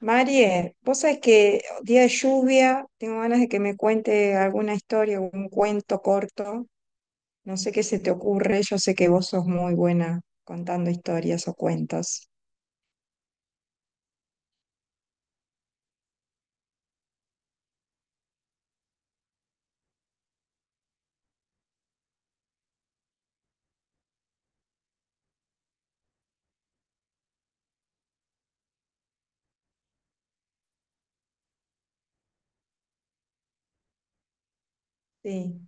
Marie, vos sabés que día de lluvia, tengo ganas de que me cuente alguna historia, un cuento corto. No sé qué se te ocurre, yo sé que vos sos muy buena contando historias o cuentos. Sí.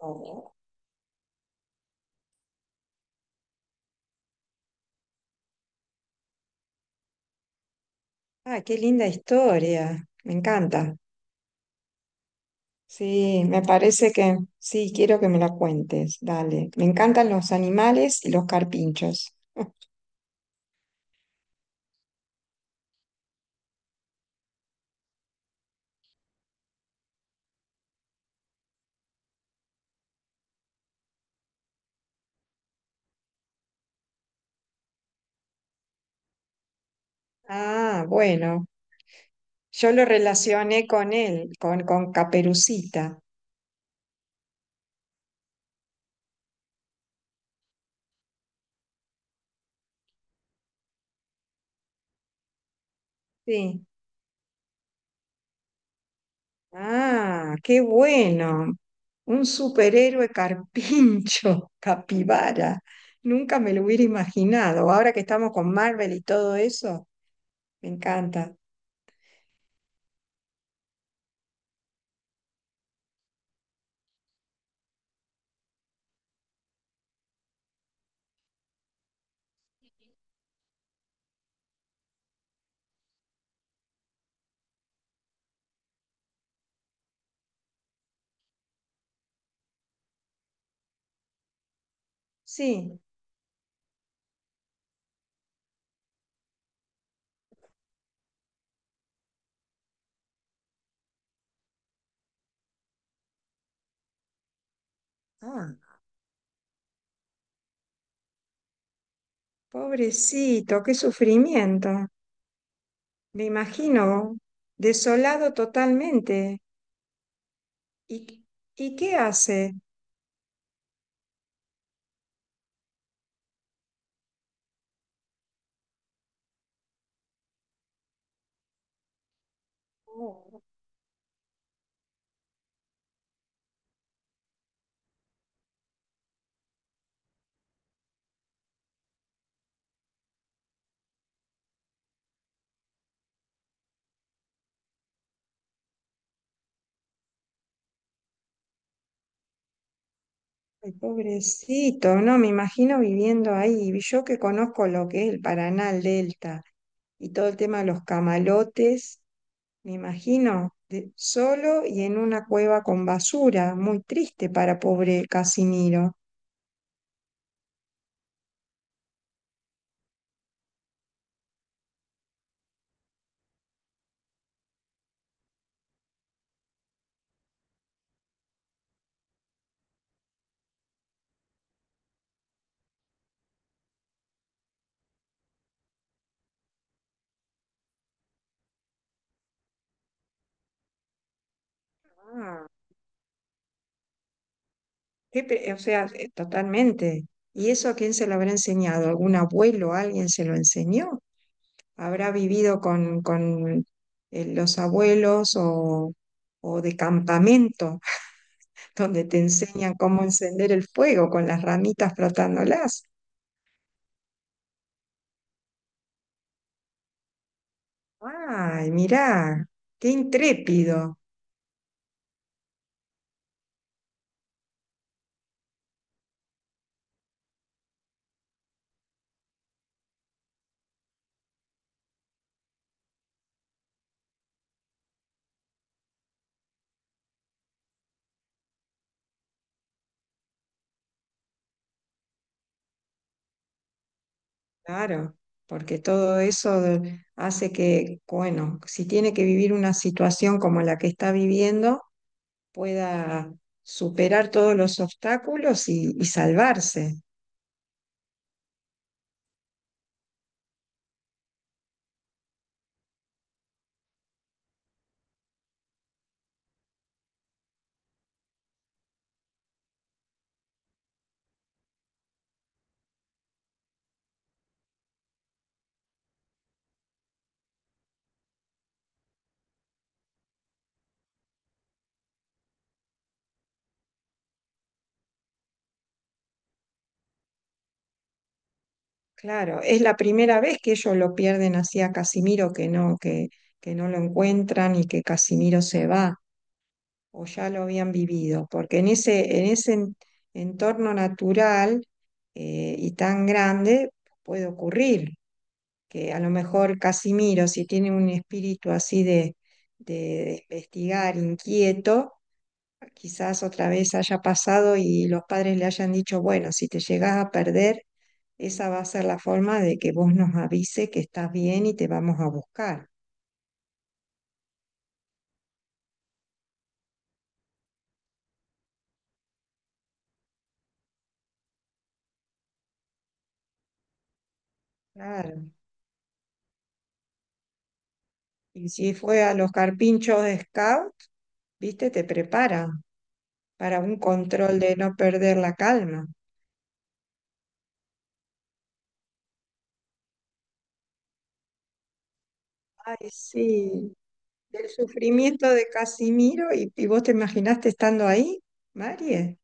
Oh. Ah, qué linda historia, me encanta. Sí, me parece que sí, quiero que me la cuentes, dale. Me encantan los animales y los carpinchos. Ah, bueno, yo lo relacioné con él, con Caperucita. Sí. Ah, qué bueno. Un superhéroe carpincho, capibara. Nunca me lo hubiera imaginado. Ahora que estamos con Marvel y todo eso, me encanta. Sí. Ah, pobrecito, qué sufrimiento. Me imagino, desolado totalmente. ¿Y, y qué hace? Ay, pobrecito, no, me imagino viviendo ahí. Y yo que conozco lo que es el Paraná, el Delta y todo el tema de los camalotes, me imagino solo y en una cueva con basura, muy triste para pobre Casiniro. Ah, o sea, totalmente. ¿Y eso a quién se lo habrá enseñado? ¿Algún abuelo? ¿Alguien se lo enseñó? ¿Habrá vivido con los abuelos o de campamento? Donde te enseñan cómo encender el fuego con las ramitas frotándolas. Ay, mirá, qué intrépido. Claro, porque todo eso hace que, bueno, si tiene que vivir una situación como la que está viviendo, pueda superar todos los obstáculos y salvarse. Claro, es la primera vez que ellos lo pierden así a Casimiro, que no lo encuentran y que Casimiro se va. O ya lo habían vivido, porque en ese, entorno natural y tan grande puede ocurrir que a lo mejor Casimiro, si tiene un espíritu así de, de investigar, inquieto, quizás otra vez haya pasado y los padres le hayan dicho, bueno, si te llegas a perder, esa va a ser la forma de que vos nos avise que estás bien y te vamos a buscar. Claro. Y si fue a los carpinchos de Scout, viste, te prepara. Para un control de no perder la calma. Ay, sí, del sufrimiento de Casimiro y vos te imaginaste estando ahí, Marie.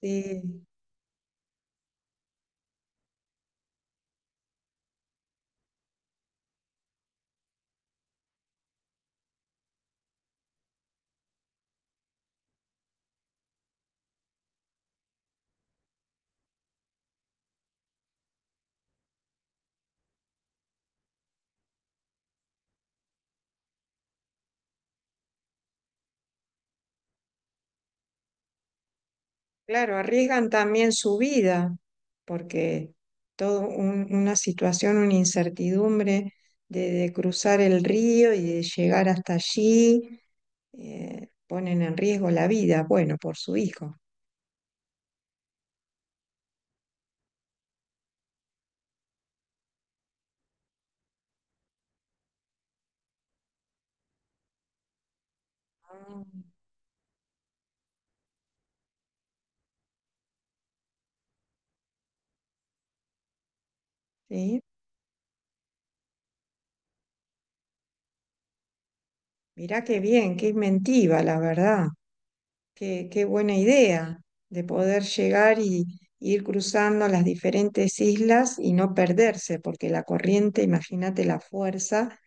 Sí, claro, arriesgan también su vida porque una situación, una incertidumbre de cruzar el río y de llegar hasta allí, ponen en riesgo la vida, bueno, por su hijo. Ah. Sí, mirá qué bien, qué inventiva, la verdad. Qué, qué buena idea de poder llegar y ir cruzando las diferentes islas y no perderse, porque la corriente, imagínate la fuerza,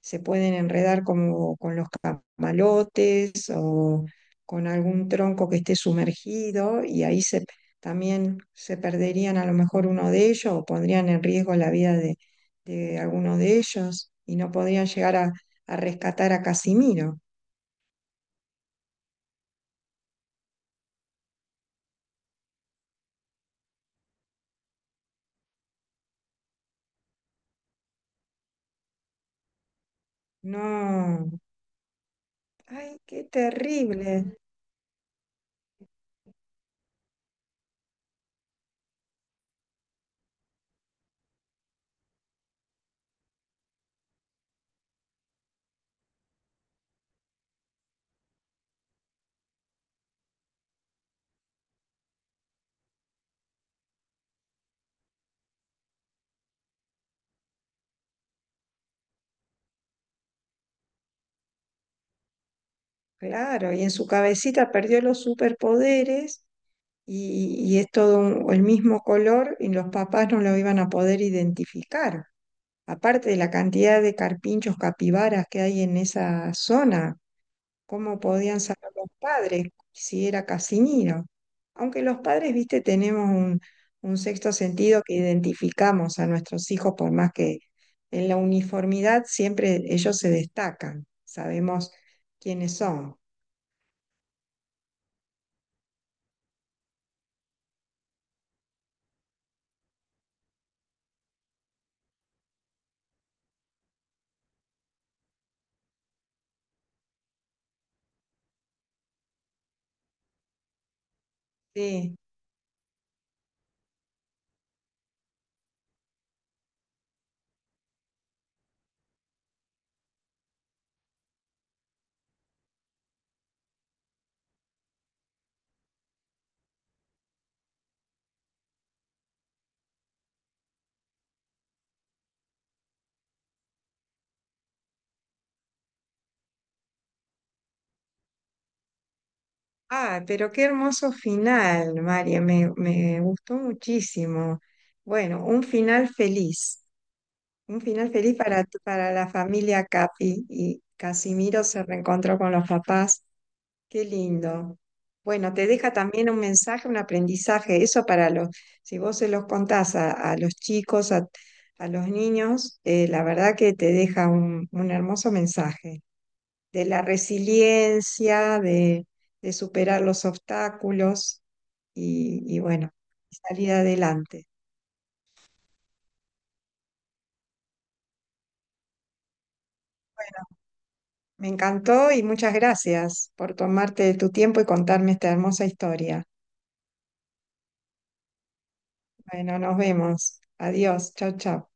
se pueden enredar como con los camalotes o con algún tronco que esté sumergido y ahí se, también se perderían a lo mejor uno de ellos o pondrían en riesgo la vida de alguno de ellos y no podrían llegar a rescatar a Casimiro. No. Ay, qué terrible. Claro, y en su cabecita perdió los superpoderes y es el mismo color y los papás no lo iban a poder identificar. Aparte de la cantidad de carpinchos capibaras que hay en esa zona, cómo podían saber los padres si era Casimiro. Aunque los padres, viste, tenemos un sexto sentido que identificamos a nuestros hijos, por más que en la uniformidad siempre ellos se destacan, sabemos quiénes son. Sí. Ah, pero qué hermoso final, María, me gustó muchísimo. Bueno, un final feliz para la familia Capi y Casimiro se reencontró con los papás. Qué lindo. Bueno, te deja también un mensaje, un aprendizaje. Eso para los, si vos se los contás a los chicos, a los niños, la verdad que te deja un hermoso mensaje de la resiliencia, de superar los obstáculos y bueno, salir adelante. Me encantó y muchas gracias por tomarte tu tiempo y contarme esta hermosa historia. Bueno, nos vemos. Adiós. Chau, chau.